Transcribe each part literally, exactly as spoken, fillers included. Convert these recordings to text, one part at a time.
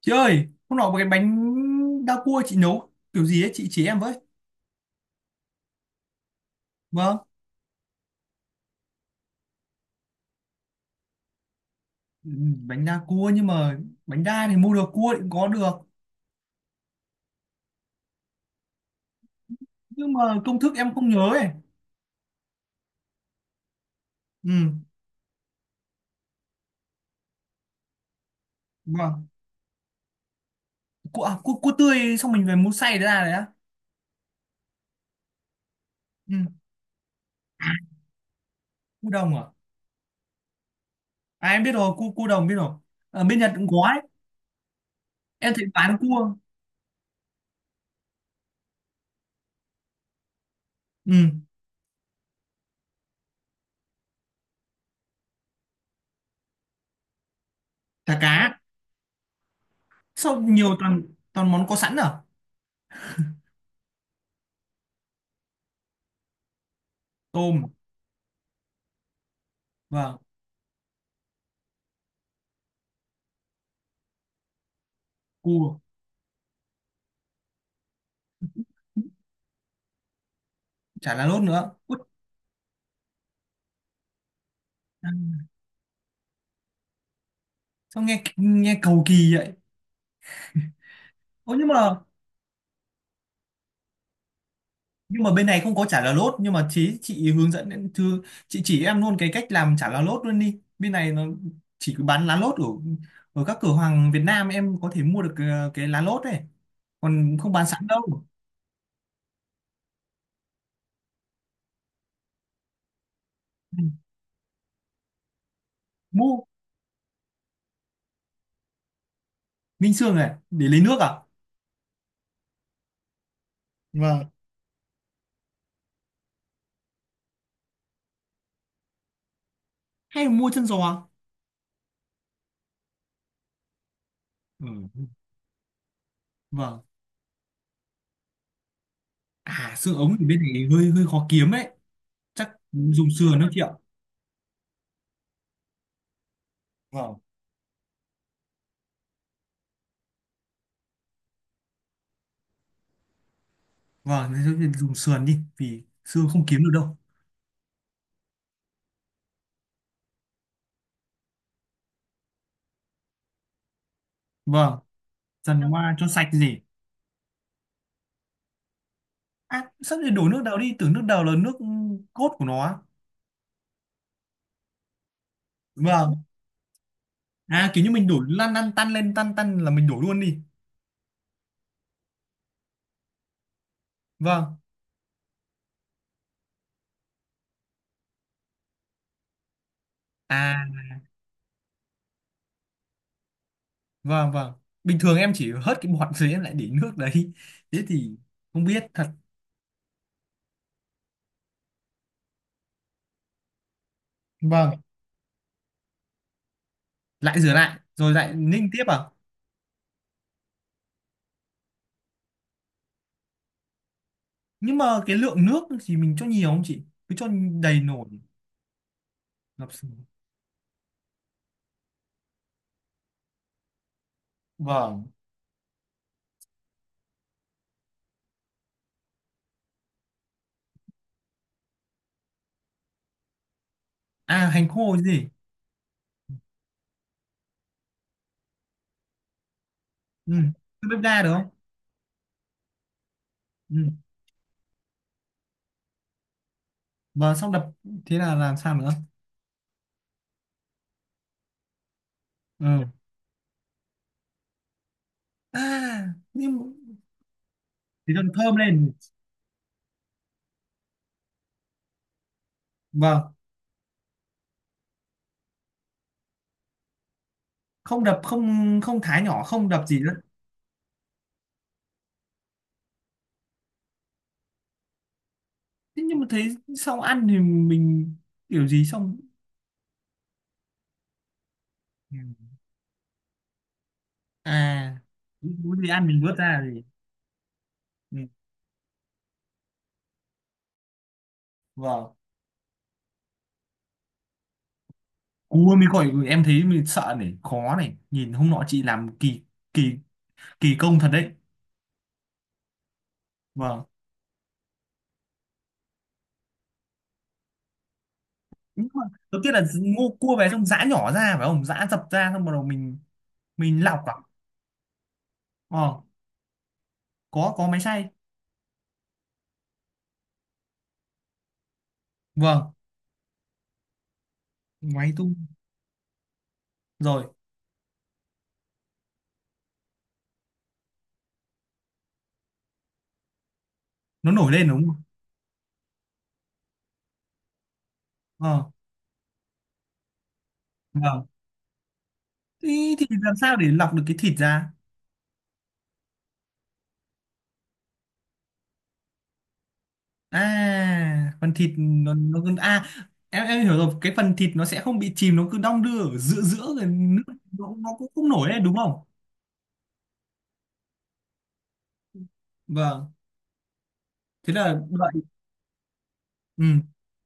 Chị ơi, hôm nọ một cái bánh đa cua chị nấu kiểu gì ấy, chị chỉ em với. Vâng, ừ, bánh đa cua nhưng mà bánh đa thì mua được, cua thì cũng có được. Nhưng mà công thức em không nhớ ấy. Ừ, vâng. Cua, à, cua, cua tươi xong mình về mua xay ra đấy á. Ừ, cua đồng à? À em biết rồi, cua, cua đồng biết rồi. Ở bên Nhật cũng có ấy. Em thấy bán cua. Ừ, thả cá. Sao nhiều toàn toàn món có sẵn à? Tôm, vâng, cua, chả lá lốt nữa. Út, sao nghe nghe cầu kỳ vậy? Ủa nhưng mà nhưng mà bên này không có chả là lốt nhưng mà chị chị hướng dẫn em- thư chị chỉ em luôn cái cách làm chả là lốt luôn đi, bên này nó chỉ bán lá lốt ở ở các cửa hàng Việt Nam, em có thể mua được cái, cái lá lốt này, còn không bán sẵn đâu. Ừ. Mua. Ninh xương này để lấy nước à? Vâng, hay là mua chân giò? Ừ. Vâng. À, xương ống thì bên này hơi hơi khó kiếm đấy, chắc dùng sườn đó chị ạ. Vâng, vâng, thế thì dùng sườn đi vì xương không kiếm được đâu. Vâng, dần qua cho sạch gì. À, sao thì đổ nước đào đi, tưởng nước đào là nước cốt của nó á. Vâng. À, kiểu như mình đổ lăn lăn tăn lên tăn tăn là mình đổ luôn đi. Vâng. À, vâng vâng. Bình thường em chỉ hớt cái bọt rồi em lại để nước đấy. Thế thì không biết thật. Vâng. Lại rửa lại, rồi lại ninh tiếp à? Nhưng mà cái lượng nước thì mình cho nhiều không chị? Cứ cho đầy nổi. Ngập sình. Vâng. À, hành khô chứ gì? Ừ. Cứ bếp ga được không? Ừ. Vâng, xong đập, thế là làm sao nữa? Ừ. À, nhưng thì thường thơm lên. Vâng, không đập, không không thái nhỏ, không đập gì nữa. Thế nhưng mà thấy sau ăn thì mình kiểu gì xong. Ừ. À, có gì ăn mình vớt ra gì, ừ. Vâng. Cua mới gọi, em thấy mình sợ này, khó này, nhìn hôm nọ chị làm kỳ kỳ kỳ công thật đấy. Vâng. Nhưng mà đầu tiên là ngô cua về xong giã nhỏ ra phải không, giã dập ra xong bắt đầu mình mình lọc à? Ờ, có có máy xay. Vâng. Máy tung rồi nó nổi lên đúng không? Ờ, vâng. Ý, thì thịt làm sao để lọc được cái thịt ra? À, phần thịt nó nó cứ à, em em hiểu rồi, cái phần thịt nó sẽ không bị chìm, nó cứ đong đưa ở giữa giữa rồi nước nó, nó, cũng không nổi đấy đúng không? Vâng. Thế là đợi, ừ,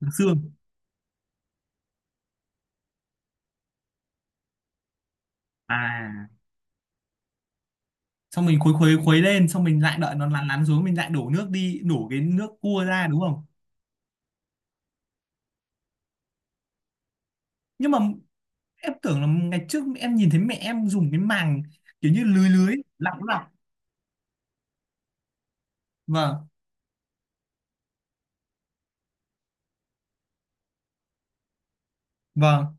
là xương. À, xong mình khuấy khuấy khuấy lên xong mình lại đợi nó lăn lăn xuống, mình lại đổ nước đi, đổ cái nước cua ra đúng không? Nhưng mà em tưởng là ngày trước em nhìn thấy mẹ em dùng cái màng, kiểu như lưới lưới lọc lọc. Vâng, vâng.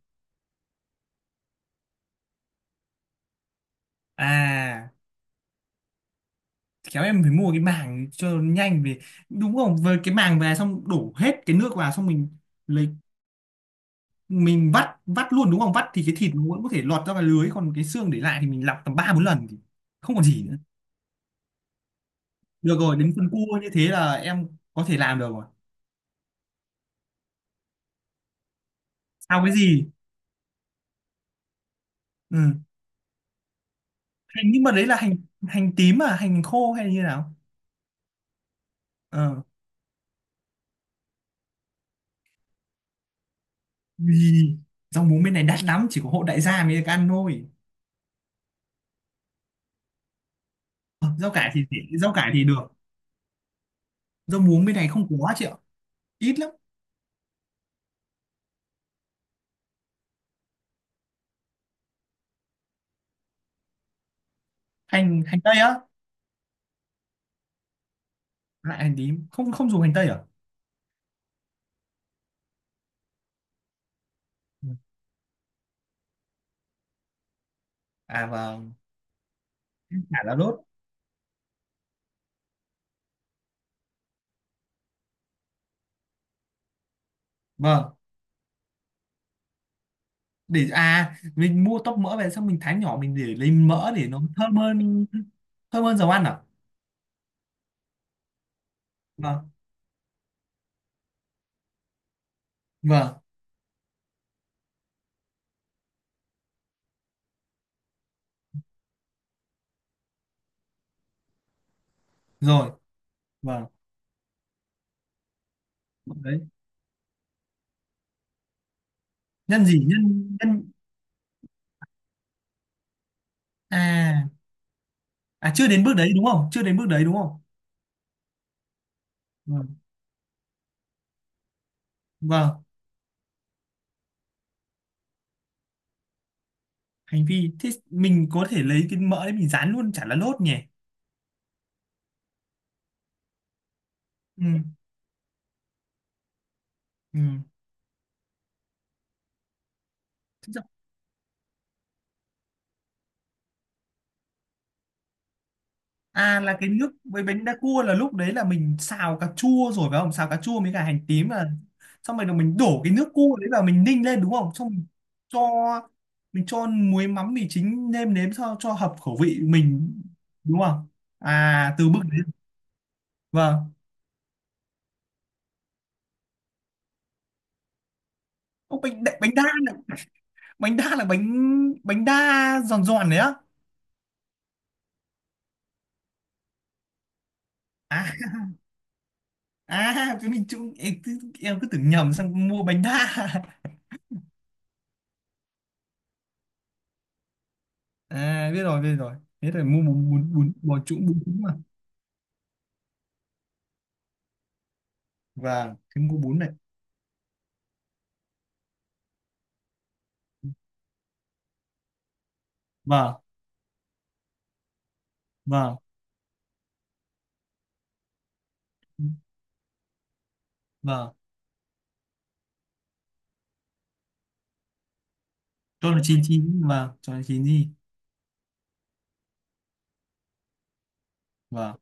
À, khéo em phải mua cái màng cho nhanh, về đúng không, với cái màng về xong đổ hết cái nước vào, xong mình lấy mình vắt vắt luôn đúng không, vắt thì cái thịt nó vẫn có thể lọt ra cái lưới, còn cái xương để lại thì mình lọc tầm ba bốn lần thì không còn gì nữa. Được rồi, đến phần cua như thế là em có thể làm được rồi. Sao? Cái gì? Ừ. Hành, nhưng mà đấy là hành hành tím à, hành khô hay là như nào? Ờ, vì rau muống bên này đắt lắm, chỉ có hộ đại gia mới được ăn thôi. Ờ, rau cải thì rẻ, rau cải thì được, rau muống bên này không có chị ạ, ít lắm. Hành hành tây á? Lại hành tím, không không dùng hành tây à? À, vâng. Chả là đốt. Vâng. Để à, mình mua tóp mỡ về xong mình thái nhỏ mình để lấy mỡ để nó thơm hơn, thơm hơn dầu ăn à? Vâng. Vâng, rồi. Vâng, đấy, nhân gì, nhân nhân? À, à chưa đến bước đấy đúng không, chưa đến bước đấy đúng không. Vâng. Vâng. Hành vi, thế mình có thể lấy cái mỡ đấy mình rán luôn chả là lốt nhỉ? Ừ, ừ. À, là cái nước với bánh đa cua là lúc đấy là mình xào cà chua rồi phải không? Xào cà chua với cả hành tím là xong rồi là mình đổ cái nước cua đấy vào mình ninh lên đúng không? Xong mình cho mình cho muối mắm mì chính nêm nếm cho cho hợp khẩu vị mình đúng không? À, từ bước đấy. Vâng. Ô, bánh đa- bánh đa là bánh đa là bánh bánh đa giòn giòn đấy á. À à, cái mình chung em cứ, em cứ, tưởng nhầm sang mua bánh đa. À, biết rồi biết rồi. Thế là mua bún bún bún bún trũng bún trũng. Vâng, cái mũ bún này. Vâng, vâng, vâng, cho là chín chín. Vâng, cho là chín gì. Vâng,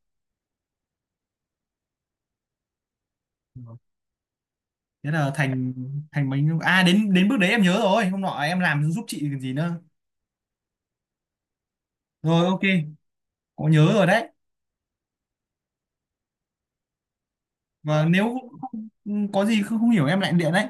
vâng. Thế là thành thành bánh à, đến đến bước đấy em nhớ rồi, hôm nọ em làm giúp chị còn gì nữa. Rồi, ok, có nhớ rồi đấy. Và nếu không- có gì không, không hiểu em lại điện đấy.